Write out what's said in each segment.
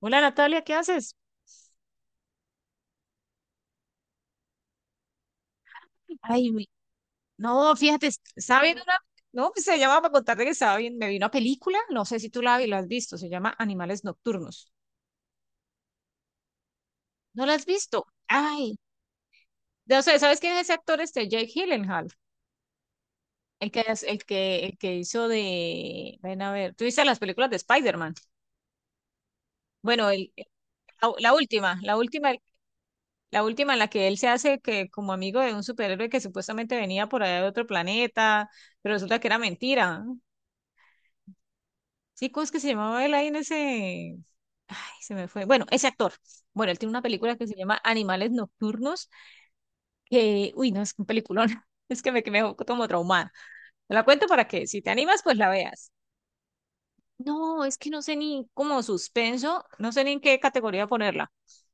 Hola Natalia, ¿qué haces? Ay, no, fíjate, estaba viendo una, no, pues se llamaba para contarte que estaba bien, me vi una película, no sé si tú la has visto, se llama Animales Nocturnos. ¿No la has visto? Ay, no sé, ¿sabes quién es ese actor este Jake Gyllenhaal? El el el que hizo de, ven a ver, ¿tú viste las películas de Spider-Man? Bueno, la última, la última, la última en la que él se hace que como amigo de un superhéroe que supuestamente venía por allá de otro planeta, pero resulta que era mentira. Sí, ¿cómo es que se llamaba él ahí en ese? Ay, se me fue. Bueno, ese actor. Bueno, él tiene una película que se llama Animales Nocturnos, que, uy, no, es un peliculón. Es que me quedé como traumada. Te la cuento para que si te animas, pues la veas. No, es que no sé ni como suspenso, no sé ni en qué categoría ponerla.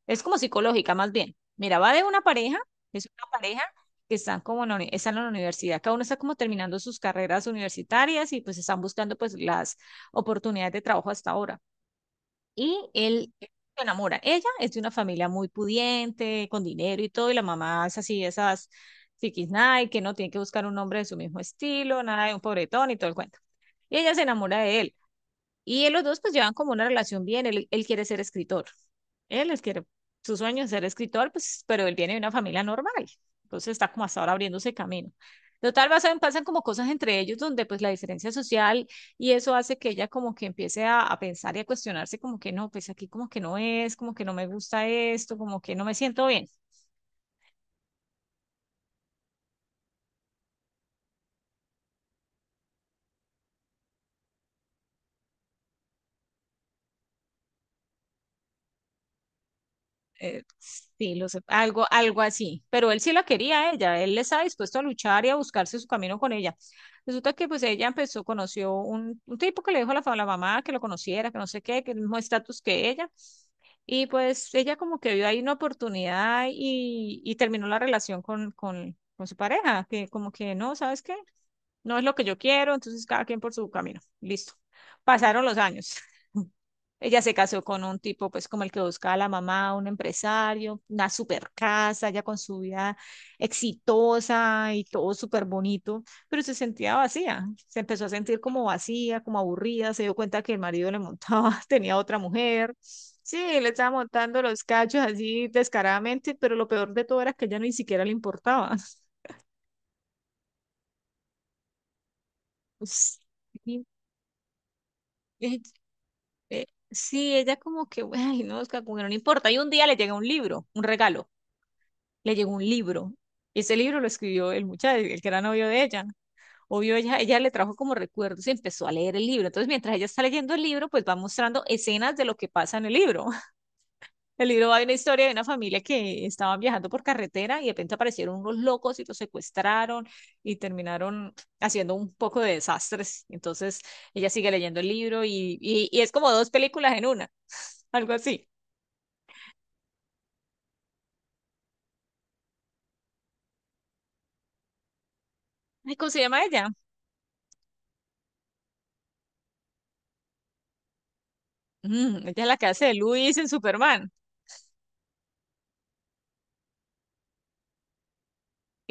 Es como psicológica, más bien. Mira, va de una pareja, es una pareja que están como en están en la universidad, cada uno está como terminando sus carreras universitarias y pues están buscando pues las oportunidades de trabajo hasta ahora. Y él se enamora. Ella es de una familia muy pudiente, con dinero y todo, y la mamá es así, esas night que no tiene que buscar un hombre de su mismo estilo, nada de un pobretón y todo el cuento. Y ella se enamora de él. Y él, los dos pues llevan como una relación bien, él quiere ser escritor. Él es que su sueño es ser escritor, pues, pero él viene de una familia normal. Entonces está como hasta ahora abriéndose camino. Total, pasan como cosas entre ellos donde pues la diferencia social y eso hace que ella como que empiece a pensar y a cuestionarse como que no, pues aquí como que no es, como que no me gusta esto, como que no me siento bien. Sí, lo sé, algo así. Pero él sí la quería a ella, él estaba dispuesto a luchar y a buscarse su camino con ella. Resulta que pues ella empezó, conoció un tipo que le dijo a a la mamá que lo conociera, que no sé qué, que el mismo estatus que ella. Y pues ella como que vio ahí una oportunidad y terminó la relación con su pareja, que como que no, ¿sabes qué? No es lo que yo quiero, entonces cada quien por su camino. Listo. Pasaron los años. Ella se casó con un tipo, pues como el que buscaba la mamá, un empresario, una super casa, ya con su vida exitosa y todo súper bonito, pero se sentía vacía, se empezó a sentir como vacía, como aburrida, se dio cuenta que el marido le montaba, tenía otra mujer, sí, le estaba montando los cachos así descaradamente, pero lo peor de todo era que a ella ni siquiera le importaba. Pues, y- y- Sí, ella como que, ay, no, Oscar, como que no le importa. Y un día le llega un libro, un regalo le llegó un libro. Y ese libro lo escribió el muchacho, el que era novio de ella. Obvio, ella le trajo como recuerdos y empezó a leer el libro. Entonces, mientras ella está leyendo el libro, pues va mostrando escenas de lo que pasa en el libro. El libro va de una historia de una familia que estaban viajando por carretera y de repente aparecieron unos locos y los secuestraron y terminaron haciendo un poco de desastres. Entonces, ella sigue leyendo el libro y es como dos películas en una, algo así. Ay, ¿cómo se llama ella? Mm, ella es la que hace de Luis en Superman.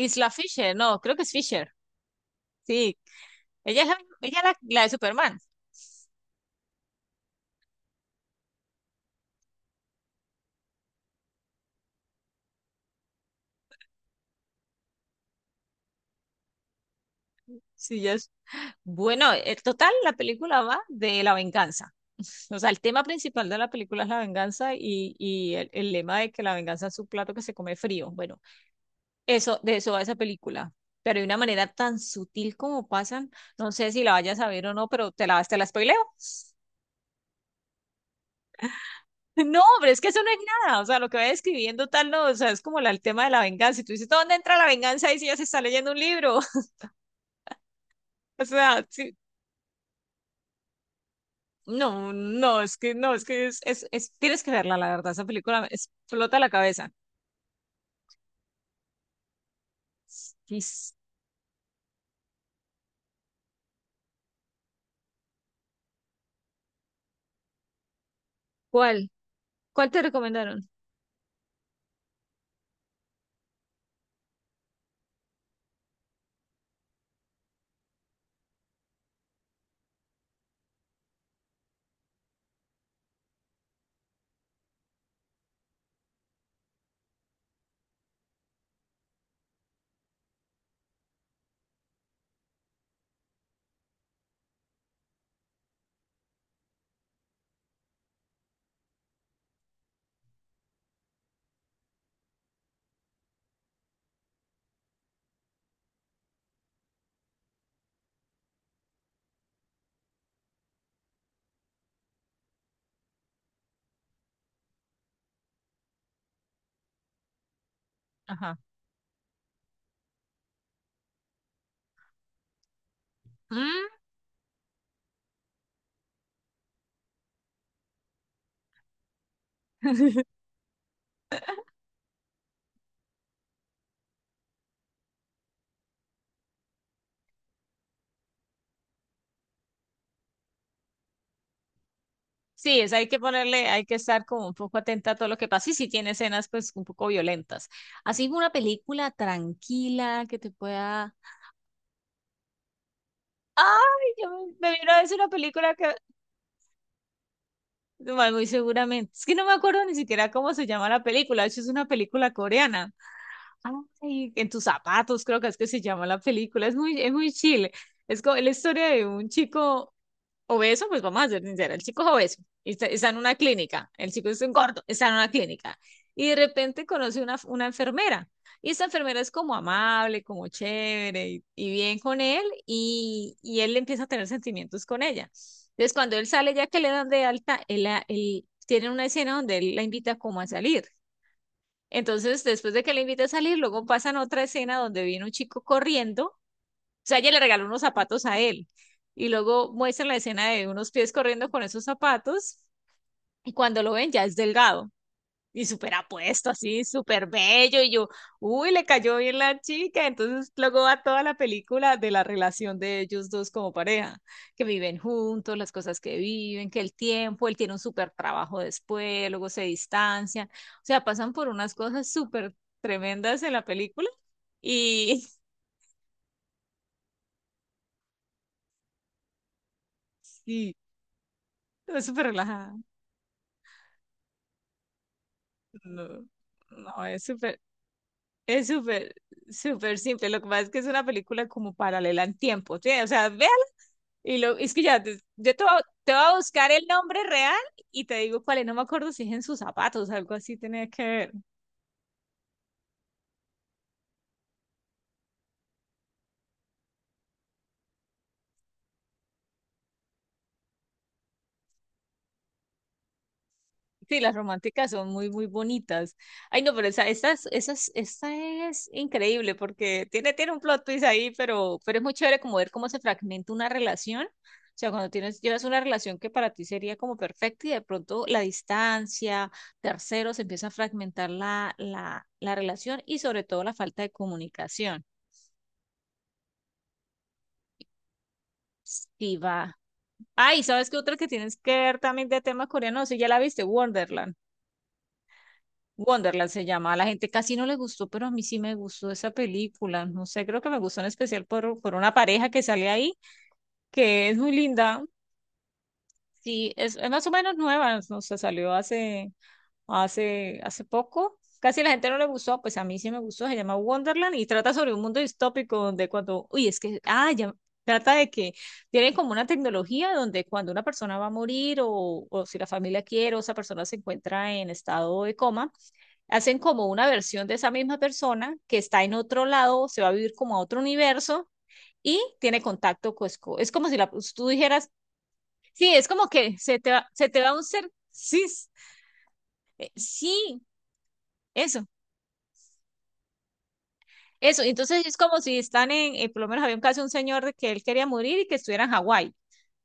Isla Fisher, no, creo que es Fisher. Sí, ella es ella es la de Superman. Sí, ya es. Bueno, en total, la película va de la venganza. O sea, el tema principal de la película es la venganza y el lema de que la venganza es un plato que se come frío. Bueno, eso, de eso va esa película. Pero de una manera tan sutil como pasan, no sé si la vayas a ver o no, pero te te la spoileo. No, hombre, es que eso no es nada. O sea, lo que va describiendo tal, no, o sea, es como el tema de la venganza. Y tú dices, ¿dónde entra la venganza? Y si ya se está leyendo un libro. O sea, sí, no, no, es que no, es que tienes que verla, la verdad, esa película me explota la cabeza. Sí, ¿cuál? ¿Cuál te recomendaron? Ajá. Mm. Sí, es, hay que ponerle, hay que estar como un poco atenta a todo lo que pasa y si tiene escenas pues un poco violentas. Así una película tranquila que te pueda... Ay, me vi una vez una película que, bueno, muy seguramente, es que no me acuerdo ni siquiera cómo se llama la película, de hecho es una película coreana. Ay, en tus zapatos, creo que es que se llama la película. Es muy chile. Es como la historia de un chico obeso, pues vamos a ser sinceros, el chico es obeso está en una clínica. El chico es un gordo, está en una clínica. Y de repente conoce una enfermera. Y esta enfermera es como amable, como chévere y bien con él. Y él empieza a tener sentimientos con ella. Entonces, cuando él sale, ya que le dan de alta, él tiene una escena donde él la invita como a salir entonces, después de que le invita a salir, luego pasan otra escena donde viene un chico corriendo, o sea, ella le regaló unos zapatos a él, y luego muestran la escena de unos pies corriendo con esos zapatos, y cuando lo ven ya es delgado y súper apuesto, así, súper bello, y yo, uy, le cayó bien la chica, entonces luego va toda la película de la relación de ellos dos como pareja, que viven juntos, las cosas que viven, que el tiempo, él tiene un súper trabajo después, luego se distancian, o sea, pasan por unas cosas súper tremendas en la película, y sí, es súper relajada, no, no, es súper... Es súper, súper simple. Lo que pasa es que es una película como paralela en tiempo. ¿Sí? O sea, ve y lo, es que ya, yo te voy a buscar el nombre real y te digo cuál es, no me acuerdo si es en sus zapatos, algo así tenía que ver. Sí, las románticas son muy, muy bonitas. Ay, no, pero esta es increíble porque tiene, tiene un plot twist ahí, pero es muy chévere como ver cómo se fragmenta una relación. O sea, cuando tienes, llevas una relación que para ti sería como perfecta y de pronto la distancia, terceros, empieza a fragmentar la relación y sobre todo la falta de comunicación. Sí, va. Ay, ¿sabes qué otra que tienes que ver también de tema coreano? No sé, ya la viste, Wonderland. Wonderland se llama. A la gente casi no le gustó, pero a mí sí me gustó esa película. No sé, creo que me gustó en especial por una pareja que sale ahí, que es muy linda. Sí, es más o menos nueva, no sé, salió hace, hace poco. Casi la gente no le gustó, pues a mí sí me gustó. Se llama Wonderland y trata sobre un mundo distópico donde cuando, uy, es que, ah, ya, trata de que tienen como una tecnología donde cuando una persona va a morir o si la familia quiere o esa persona se encuentra en estado de coma, hacen como una versión de esa misma persona que está en otro lado, se va a vivir como a otro universo y tiene contacto con... Es como si la, pues, tú dijeras, sí, es como que se te va un ser, sí, sí, eso. Eso, entonces es como si están en, por lo menos había un caso de un señor de que él quería morir y que estuviera en Hawái.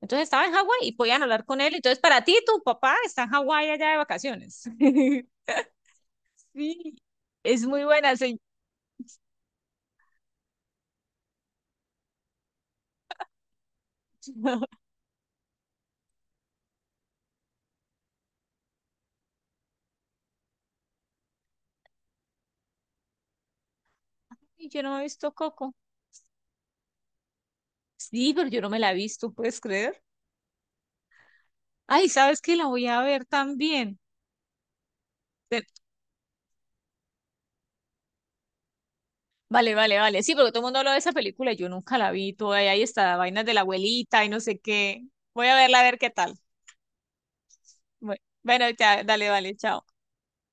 Entonces estaba en Hawái y podían hablar con él. Entonces, para ti, tu papá está en Hawái allá de vacaciones. Sí, es muy buena, sí. Y yo no he visto Coco. Sí, pero yo no me la he visto, ¿puedes creer? Ay, ¿sabes qué? La voy a ver también. Te- Vale, vale, vale. Sí, porque todo el mundo habla de esa película y yo nunca la vi. Toda ahí está, vainas de la abuelita y no sé qué. Voy a verla a ver qué tal. Bu- Bueno, ya, dale, vale, chao.